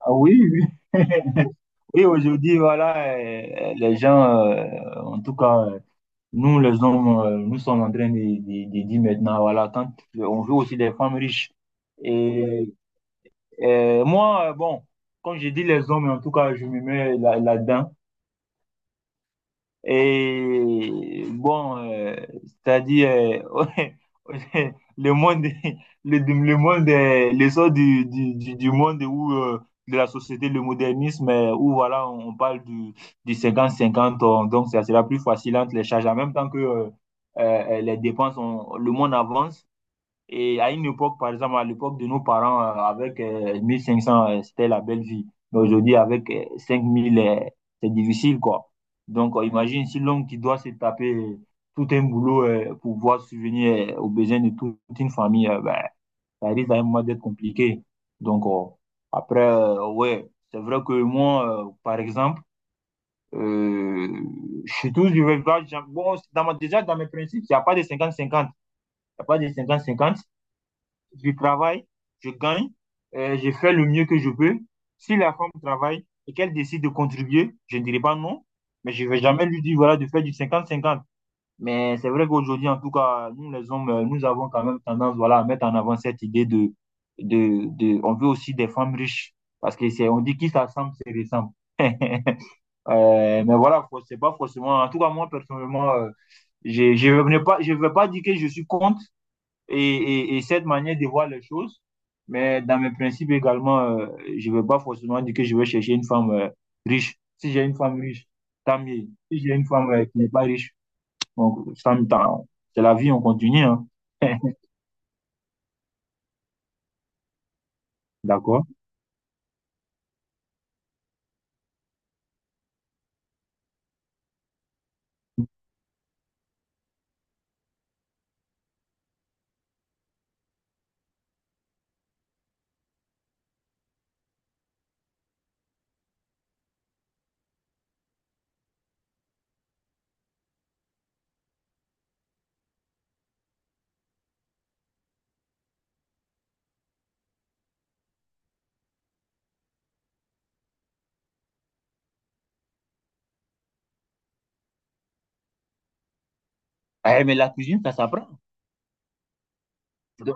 Ah oui, oui. Oui, aujourd'hui, voilà, les gens, en tout cas, nous, les hommes, nous sommes en train de, de dire maintenant, voilà, quand on veut aussi des femmes riches. Et moi, bon, quand je dis les hommes, en tout cas, je me mets là, là-dedans. Et bon, c'est-à-dire, euh, le monde, le monde, l'essor du, du monde où, de la société, le modernisme, où voilà, on parle du cinquante cinquante donc ça sera plus facile entre les charges, en même temps que les dépenses, le monde avance. Et à une époque, par exemple, à l'époque de nos parents, avec 1500, c'était la belle vie. Mais aujourd'hui, avec 5000, c'est difficile, quoi. Donc, imagine si l'homme qui doit se taper tout un boulot pour pouvoir subvenir aux besoins de toute une famille, ben, ça risque à un moment d'être compliqué. Donc, après, ouais, c'est vrai que moi, par exemple, euh, je suis toujours du village. Bon, déjà, dans mes principes, il n'y a pas de 50-50. Il n'y a pas de 50-50. Je travaille, je gagne, je fais le mieux que je peux. Si la femme travaille et qu'elle décide de contribuer, je ne dirai pas non, mais je ne vais jamais lui dire voilà, de faire du cinquante cinquante. Mais c'est vrai qu'aujourd'hui, en tout cas, nous les hommes, nous avons quand même tendance voilà, à mettre en avant cette idée de, de... On veut aussi des femmes riches, parce que c'est, on dit qui s'assemble, c'est ressemble. Mais voilà, c'est pas forcément... En tout cas, moi, personnellement, je ne vais pas, je vais pas dire que je suis contre, et cette manière de voir les choses. Mais dans mes principes également, je ne veux pas forcément dire que je vais chercher une femme riche. Si j'ai une femme riche, tant mieux. Si j'ai une femme qui n'est pas riche, donc, c'est la vie, on continue. Hein. D'accord. Eh, mais la cuisine, ça s'apprend. Euh,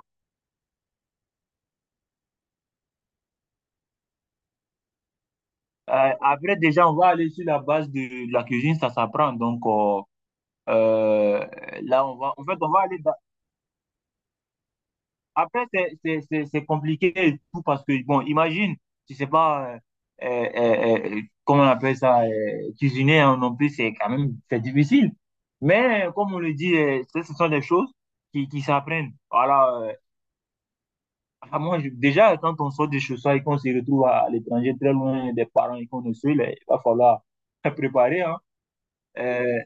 après, déjà, on va aller sur la base de la cuisine, ça s'apprend. Donc, euh, là, on va, en fait, on va aller dans. Après, c'est, c'est compliqué et tout parce que, bon, imagine, tu sais pas, comment on appelle ça, cuisiner hein, non plus, c'est quand même, c'est difficile. Mais, comme on le dit, ce sont des choses qui s'apprennent. Voilà, à moi, déjà, quand on sort de chez soi et qu'on se retrouve à l'étranger, très loin des parents et qu'on est seul, il va falloir préparer, hein. Euh,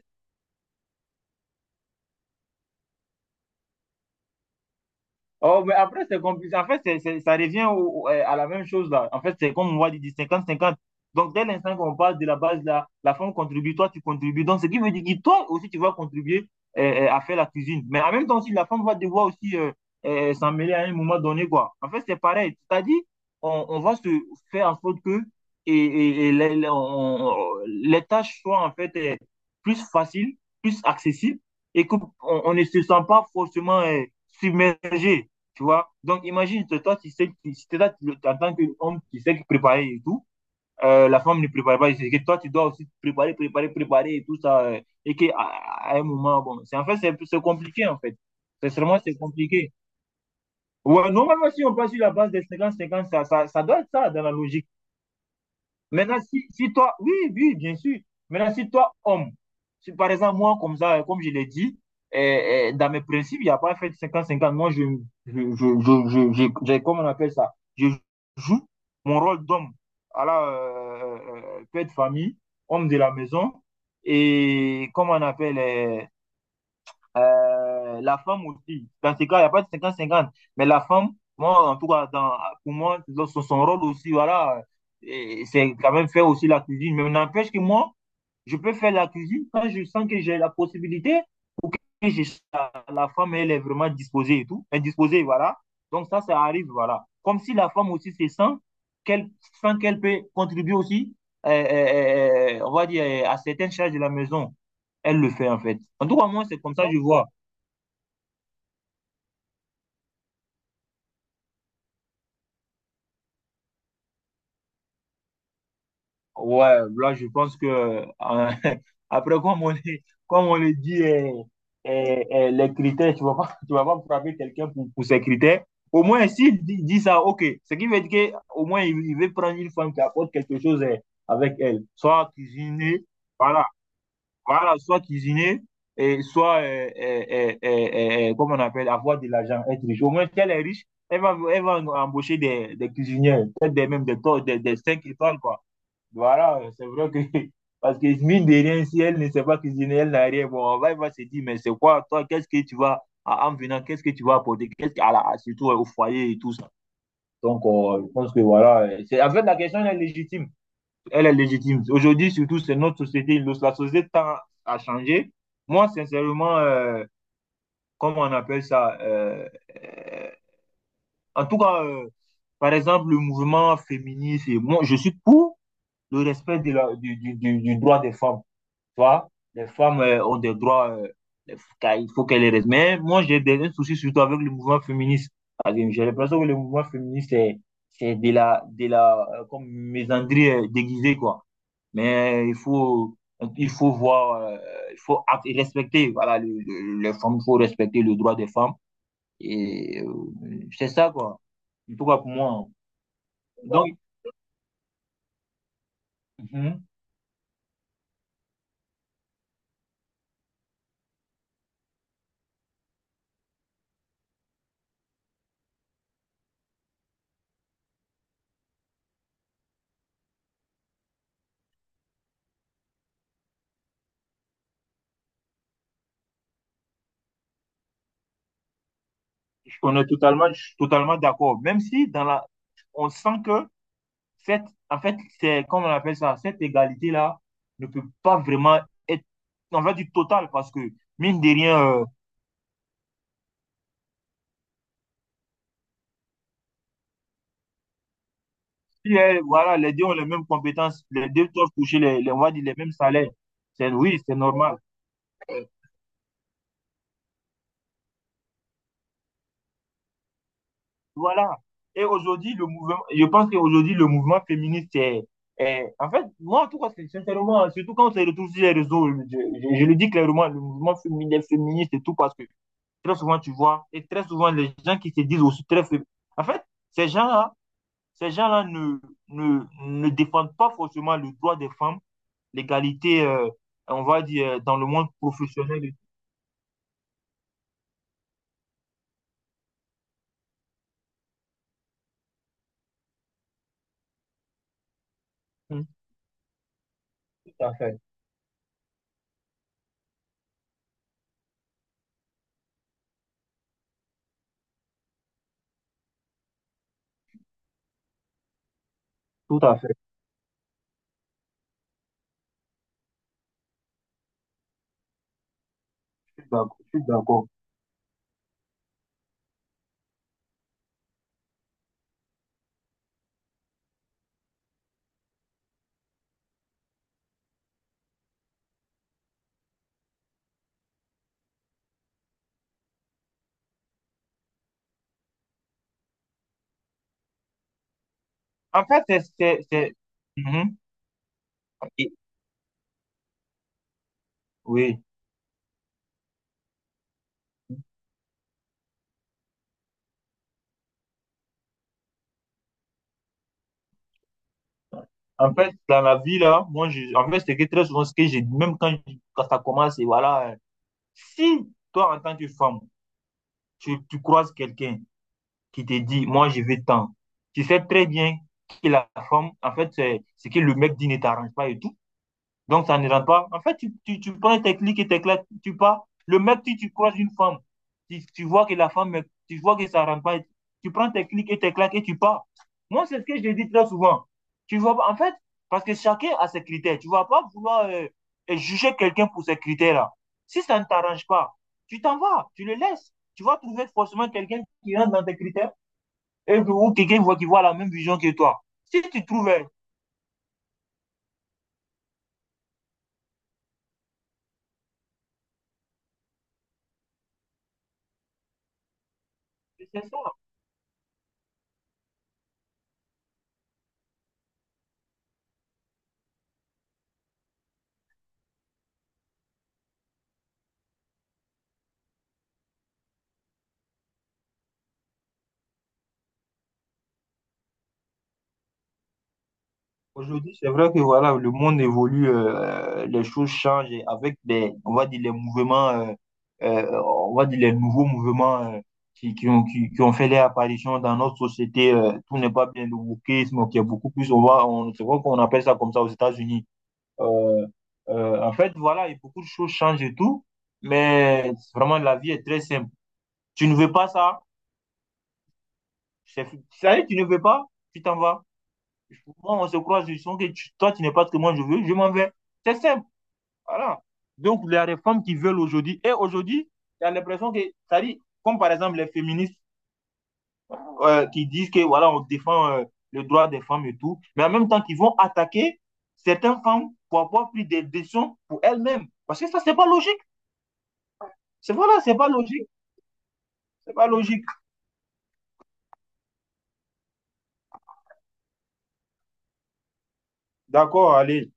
oh, mais après, c'est compliqué. En fait, ça revient à la même chose là. En fait, c'est comme on va dire cinquante cinquante. Donc, dès l'instant qu'on parle de la base là, la femme contribue, toi, tu contribues. Donc, ce qui veut dire que toi aussi, tu vas contribuer euh, à faire la cuisine. Mais en même temps aussi, la femme va devoir aussi s'en mêler à un moment donné, quoi. En fait, c'est pareil. C'est-à-dire, on va se faire en sorte que et les, les tâches soient en fait plus faciles, plus accessibles et qu'on on ne se sent pas forcément submergé. Tu vois? Donc, imagine, toi, tu sais, tu, si t'es là, en tant qu'homme, tu sais que préparer et tout, la femme ne prépare pas, c'est que toi, tu dois aussi préparer, préparer, préparer et tout ça, et qu'à à un moment, bon, c'est en fait, c'est compliqué, en fait. Sincèrement, c'est compliqué. Ouais, normalement, si on passe sur la base des cinquante cinquante ça, ça doit être ça dans la logique. Maintenant, si, si toi, oui, oui, bien sûr. Maintenant, si toi, homme, si par exemple, moi, comme ça, comme je l'ai dit, dans mes principes, il n'y a pas fait 50-50. Moi, je, j'ai- comment on appelle ça? Je joue mon rôle d'homme, à la père de famille, homme de la maison, et comment on appelle, la femme aussi, dans ce cas, il n'y a pas de cinquante cinquante mais la femme, moi, en tout cas, dans, pour moi, dans son, son rôle aussi, voilà, et c'est quand même faire aussi la cuisine. Mais n'empêche que moi, je peux faire la cuisine quand je sens que j'ai la possibilité ou que je- la, la femme, elle est vraiment disposée et tout, indisposée, voilà. Donc ça arrive, voilà. Comme si la femme aussi se qu'elle sent qu'elle peut contribuer aussi, on va dire, à certaines charges de la maison. Elle le fait, en fait. En tout cas, moi, c'est comme ça que je vois. Ouais, là, je pense que après, comme on est, comme on le dit, les critères, tu vas pas frapper quelqu'un pour ses critères. Au moins, s'il dit, dit ça, ok. Ce qui veut dire qu'au moins, il veut prendre une femme qui apporte quelque chose avec elle. Soit cuisiner, voilà, voilà, soit cuisiner, et soit, comme on appelle, avoir de l'argent, être riche. Au moins, si elle est riche, elle va embaucher des cuisinières, peut-être des, même des, des 5 étoiles, quoi. Voilà, c'est vrai que, parce que mine de rien, si elle ne sait pas cuisiner, elle n'a rien. Bon, on va, il va se dire, mais c'est quoi, toi, qu'est-ce que tu vas, en en venant, qu'est-ce que tu vas apporter, qu'est-ce que qu'à la, surtout au foyer et tout ça. Donc, je pense que voilà, c'est, en fait, la question, elle est légitime. Elle est légitime. Aujourd'hui, surtout, c'est notre société. La société tend à changer. Moi, sincèrement, comment on appelle ça euh, en tout cas, par exemple, le mouvement féministe, et moi, je suis pour le respect de du droit des femmes vois, les femmes ont des droits, car il faut qu'elles les respectent. Mais moi, j'ai des un souci surtout avec le mouvement féministe. Parce que j'ai l'impression que le mouvement féministe, c'est de la comme misandrie déguisée, quoi. Mais il faut voir, il faut et respecter, voilà, les femmes, il faut respecter le droit des femmes. Et c'est ça, quoi. En tout cas, pour moi. Donc, mhm, on est totalement, totalement d'accord. Même si dans la, on sent que cette, en fait, c'est, comme on appelle ça, cette égalité-là ne peut pas vraiment être, on va dire, totale, parce que, mine de rien, les, voilà, les deux ont les mêmes compétences, les deux doivent toucher les, on va dire, les mêmes salaires. C'est, oui, c'est normal. Voilà. Et aujourd'hui, le mouvement, je pense qu'aujourd'hui, le mouvement féministe est, en fait, moi, en tout cas, sincèrement, surtout quand on se retrouve sur les réseaux, je, je le dis clairement, le mouvement féminin, féministe et tout, parce que très souvent, tu vois, et très souvent, les gens qui se disent aussi très faibles. En fait, ces gens-là, ces gens-là ne, ne, ne défendent pas forcément le droit des femmes, l'égalité, on va dire, dans le monde professionnel. Et tout. Mhm. Tout à fait, tout à fait, je suis d'accord. Je suis d'accord. En fait, c'est- Mhm. Ok, oui. En fait, dans la vie, là, moi, je, en fait, c'est que très souvent, ce que j'ai dit, même quand, quand ça commence, et voilà, si toi, en tant que femme, tu croises quelqu'un qui te dit, moi, je veux tant. Tu sais très bien que la femme, en fait, c'est ce que le mec dit ne t'arrange pas et tout. Donc, ça ne rentre pas. En fait, tu prends tes clics et tes claques, tu pars. Le mec, tu croises une femme, tu vois que la femme, tu vois que ça ne rentre pas. Tu prends tes clics et tes claques et tu pars. Moi, c'est ce que je dis très souvent. Tu vois, en fait, parce que chacun a ses critères. Tu ne vas pas vouloir juger quelqu'un pour ses critères-là. Si ça ne t'arrange pas, tu t'en vas, tu le laisses. Tu vas trouver forcément quelqu'un qui rentre dans tes critères et, ou quelqu'un voit qui voit la même vision que toi. Si tu trouves, c'est ça. Aujourd'hui, c'est vrai que voilà, le monde évolue, les choses changent et avec des, on va dire les mouvements, on va dire les nouveaux mouvements qui ont fait leur apparition dans notre société. Tout n'est pas bien le wokisme qui est beaucoup plus, on va, on, c'est vrai qu'on appelle ça comme ça aux États-Unis. Euh, en fait, voilà, et beaucoup de choses changent et tout, mais vraiment la vie est très simple. Tu ne veux pas ça? Tu savais, tu ne veux pas, tu t'en vas. Moi, on se croise, je sens que toi, tu n'es pas ce que moi je veux, je m'en vais. C'est simple. Voilà. Donc, les réformes qu'ils veulent aujourd'hui, et aujourd'hui, tu as l'impression que, ça dit, comme par exemple les féministes qui disent que, voilà, on défend le droit des femmes et tout, mais en même temps, qu'ils vont attaquer certaines femmes pour avoir pris des décisions pour elles-mêmes. Parce que ça, c'est pas logique. C'est voilà, c'est pas logique. C'est pas logique. D'accord, allez.